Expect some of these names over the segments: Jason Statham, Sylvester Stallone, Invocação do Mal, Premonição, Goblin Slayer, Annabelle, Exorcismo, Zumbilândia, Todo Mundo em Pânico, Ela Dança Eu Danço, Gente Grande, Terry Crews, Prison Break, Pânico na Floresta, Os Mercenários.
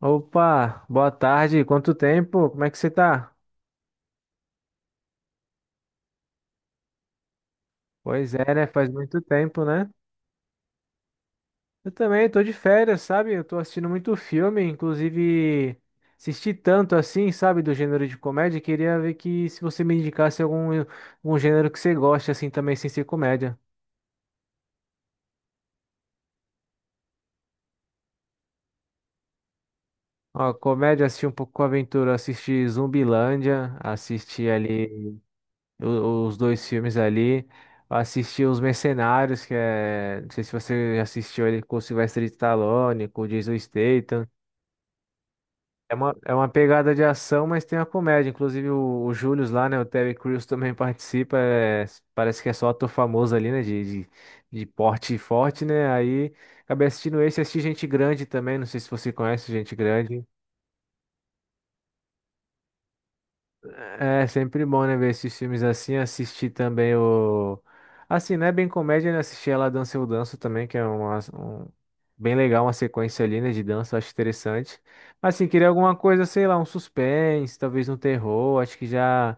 Opa, boa tarde. Quanto tempo? Como é que você tá? Pois é, né? Faz muito tempo, né? Eu também tô de férias, sabe? Eu tô assistindo muito filme, inclusive assisti tanto assim, sabe, do gênero de comédia. Queria ver que se você me indicasse algum, algum gênero que você goste assim também, sem ser comédia. Ó, comédia, assisti um pouco com aventura, assisti Zumbilândia, assisti ali os dois filmes ali. Assisti Os Mercenários, que é. Não sei se você já assistiu ele com o Sylvester Stallone, com o Jason Statham. É uma pegada de ação, mas tem a comédia. Inclusive o Julius lá, né? O Terry Crews também participa. Parece que é só ator famoso ali, né? De porte forte, né? Aí acabei assistindo esse, assisti Gente Grande também. Não sei se você conhece Gente Grande. É sempre bom, né, ver esses filmes assim, assistir também o... Assim, né bem comédia, né, assistir Ela Dança Eu Danço também, que é uma, bem legal, uma sequência ali, né, de dança, eu acho interessante. Assim, queria alguma coisa, sei lá, um suspense, talvez um terror, acho que já,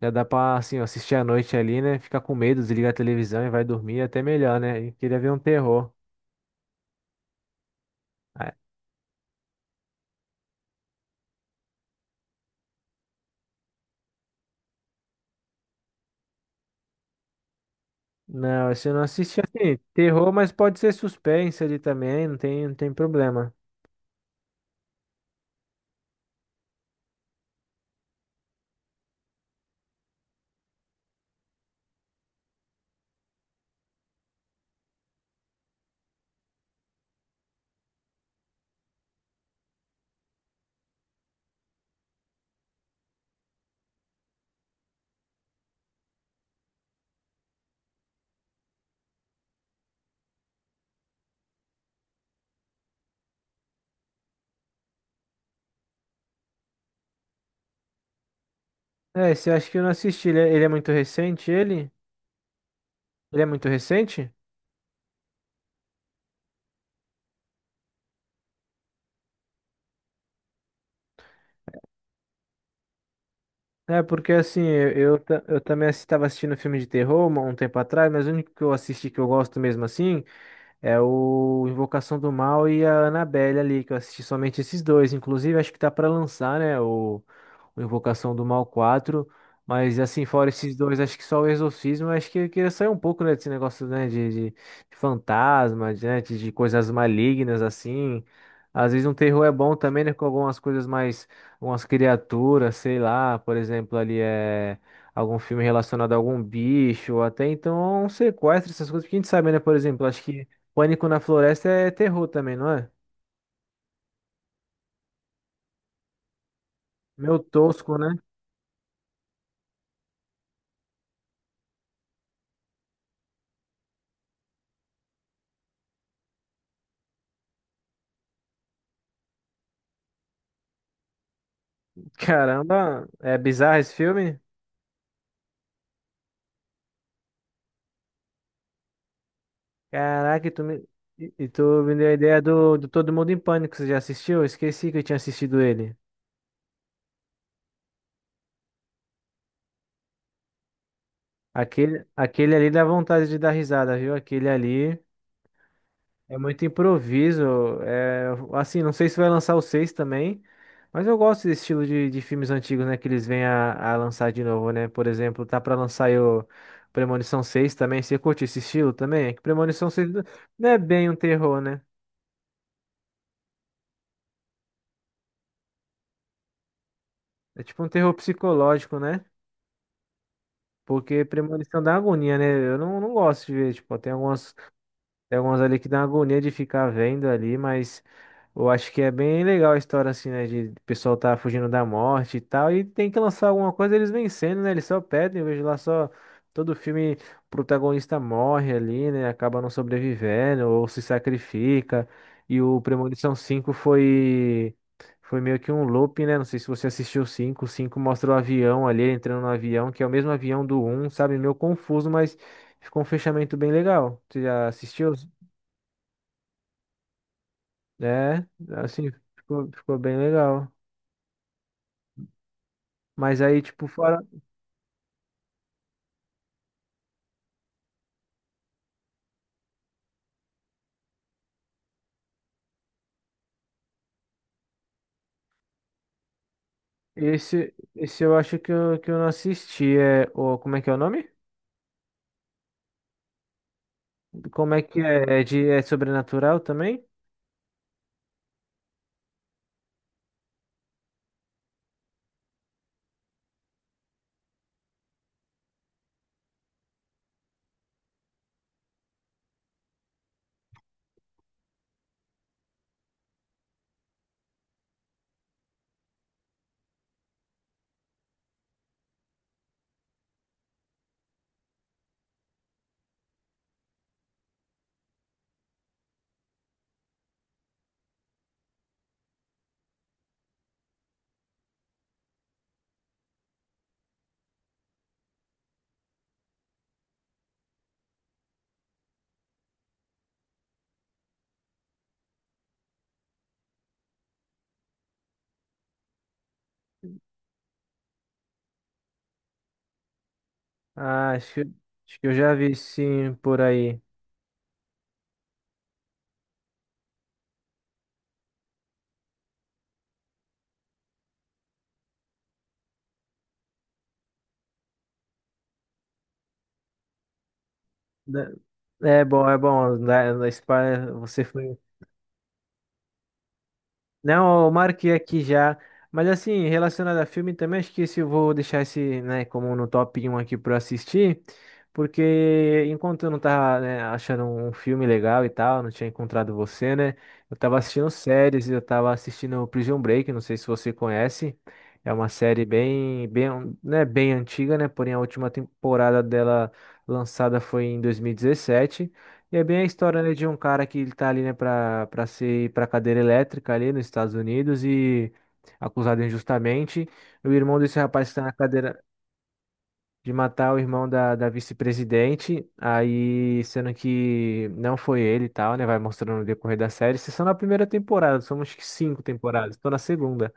já dá pra, assim, ó, assistir à noite ali, né, ficar com medo, desligar a televisão e vai dormir, é até melhor, né, e queria ver um terror. Ah, não, assim, eu não assisti, assim, terror, mas pode ser suspense ali também, não tem, não tem problema. É, esse eu acho que eu não assisti. Ele é muito recente, ele? Ele é muito recente? É, porque assim, eu também estava assistindo um filme de terror um tempo atrás, mas o único que eu assisti que eu gosto mesmo assim é o Invocação do Mal e a Annabelle ali, que eu assisti somente esses dois. Inclusive, acho que tá pra lançar, né? O Invocação do Mal 4. Mas assim, fora esses dois, acho que só o Exorcismo, acho que eu queria sair um pouco, né, desse negócio, né, de fantasma, de, né, de coisas malignas, assim. Às vezes um terror é bom também, né, com algumas coisas mais, umas criaturas, sei lá, por exemplo, ali é algum filme relacionado a algum bicho, ou até então um sequestro, essas coisas, porque a gente sabe, né, por exemplo, acho que Pânico na Floresta é terror também, não é? Meu tosco, né? Caramba, é bizarro esse filme? Caraca, e tu me deu a ideia do Todo Mundo em Pânico, você já assistiu? Eu esqueci que eu tinha assistido ele. Aquele ali dá vontade de dar risada, viu? Aquele ali. É muito improviso. É, assim, não sei se vai lançar o 6 também, mas eu gosto desse estilo de filmes antigos, né? Que eles vêm a lançar de novo, né? Por exemplo, tá pra lançar aí o Premonição 6 também. Você curte esse estilo também? É que Premonição 6 não é bem um terror, né? É tipo um terror psicológico, né? Porque Premonição dá agonia, né? Eu não, não gosto de ver. Tipo, tem algumas. Tem algumas ali que dá uma agonia de ficar vendo ali, mas eu acho que é bem legal a história assim, né? De o pessoal tá fugindo da morte e tal. E tem que lançar alguma coisa, eles vencendo, né? Eles só pedem, eu vejo lá só todo filme, o protagonista morre ali, né? Acaba não sobrevivendo ou se sacrifica. E o Premonição 5 foi. Foi meio que um loop, né? Não sei se você assistiu o cinco. O 5 mostra o avião ali, ele entrando no avião, que é o mesmo avião do um, sabe? Meio confuso, mas ficou um fechamento bem legal. Você já assistiu? É, assim, ficou bem legal. Mas aí, tipo, fora. Esse eu acho que eu não assisti. É, o, como é que é o nome? Como é que é? É, de, é sobrenatural também? Ah, acho que eu já vi sim por aí. Da- é bom, é bom. Da Spy, você foi. Não, ó, eu marquei aqui já. Mas assim, relacionado a filme também, acho que esse eu vou deixar esse, né, como no top 1 aqui pra assistir. Porque enquanto eu não tava, né, achando um filme legal e tal, não tinha encontrado você, né? Eu tava assistindo séries, eu tava assistindo Prison Break, não sei se você conhece. É uma série né, bem antiga, né? Porém, a última temporada dela lançada foi em 2017. E é bem a história, né, de um cara que ele tá ali, né, pra ser pra cadeira elétrica ali nos Estados Unidos e acusado injustamente. O irmão desse rapaz que tá na cadeira, de matar o irmão da vice-presidente, aí sendo que não foi ele e tal, né? Vai mostrando no decorrer da série. Isso é só na primeira temporada, são somos que cinco temporadas, tô na segunda.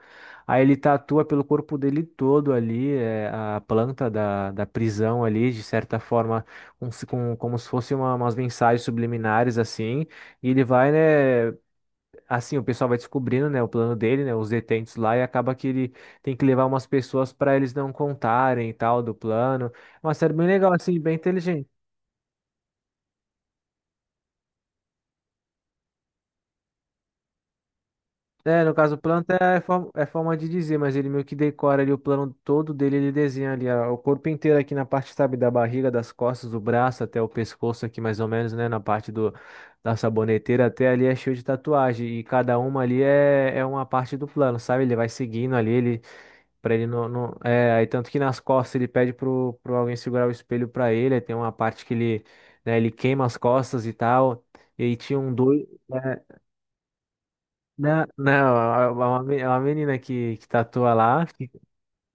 Aí ele tatua pelo corpo dele todo ali, é, a planta da prisão ali, de certa forma, com, como se fosse umas mensagens subliminares assim. E ele vai, né? Assim, o pessoal vai descobrindo, né, o plano dele, né, os detentos lá, e acaba que ele tem que levar umas pessoas para eles não contarem e tal do plano. É uma série bem legal, assim, bem inteligente. É, no caso, o plano é forma de dizer, mas ele meio que decora ali o plano todo dele, ele desenha ali ó, o corpo inteiro aqui na parte, sabe, da barriga, das costas, do braço até o pescoço aqui mais ou menos, né, na parte do, da saboneteira até ali é cheio de tatuagem e cada uma ali é, é uma parte do plano, sabe? Ele vai seguindo ali, ele. Pra ele não, não- é, aí tanto que nas costas ele pede pro alguém segurar o espelho pra ele. Aí tem uma parte que ele, né, ele queima as costas e tal. E aí tinha um dois. É, não, não, é uma menina que tatua lá.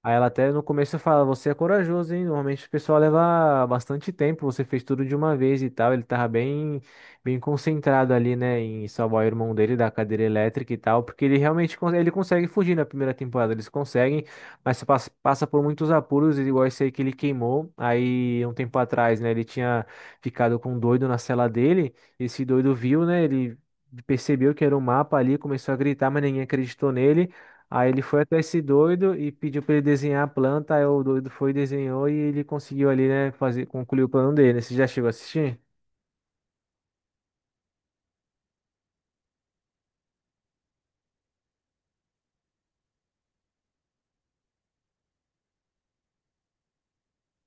Aí ela até no começo fala, você é corajoso, hein? Normalmente o pessoal leva bastante tempo, você fez tudo de uma vez e tal. Bem concentrado ali, né, em salvar o irmão dele da cadeira elétrica e tal, porque ele realmente ele consegue fugir na primeira temporada, eles conseguem, mas você passa, passa por muitos apuros, igual esse aí que ele queimou. Aí um tempo atrás, né, ele tinha ficado com um doido na cela dele, esse doido viu, né, ele percebeu que era um mapa ali, começou a gritar, mas ninguém acreditou nele. Aí ele foi até esse doido e pediu para ele desenhar a planta. Aí o doido foi, desenhou e ele conseguiu ali, né, fazer, concluir o plano dele, né? Você já chegou a assistir?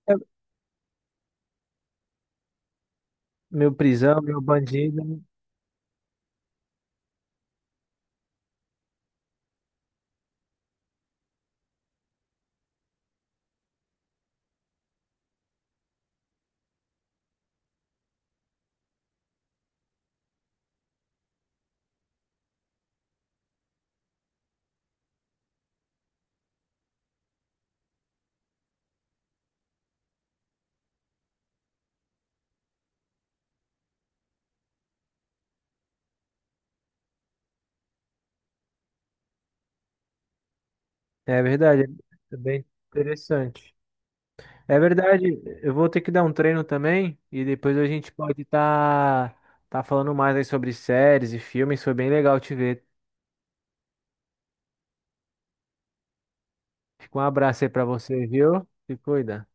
É, meu prisão, meu bandido. É verdade, é bem interessante. É verdade, eu vou ter que dar um treino também e depois a gente pode estar tá, tá falando mais aí sobre séries e filmes. Foi bem legal te ver. Fica um abraço aí pra você, viu? Se cuida.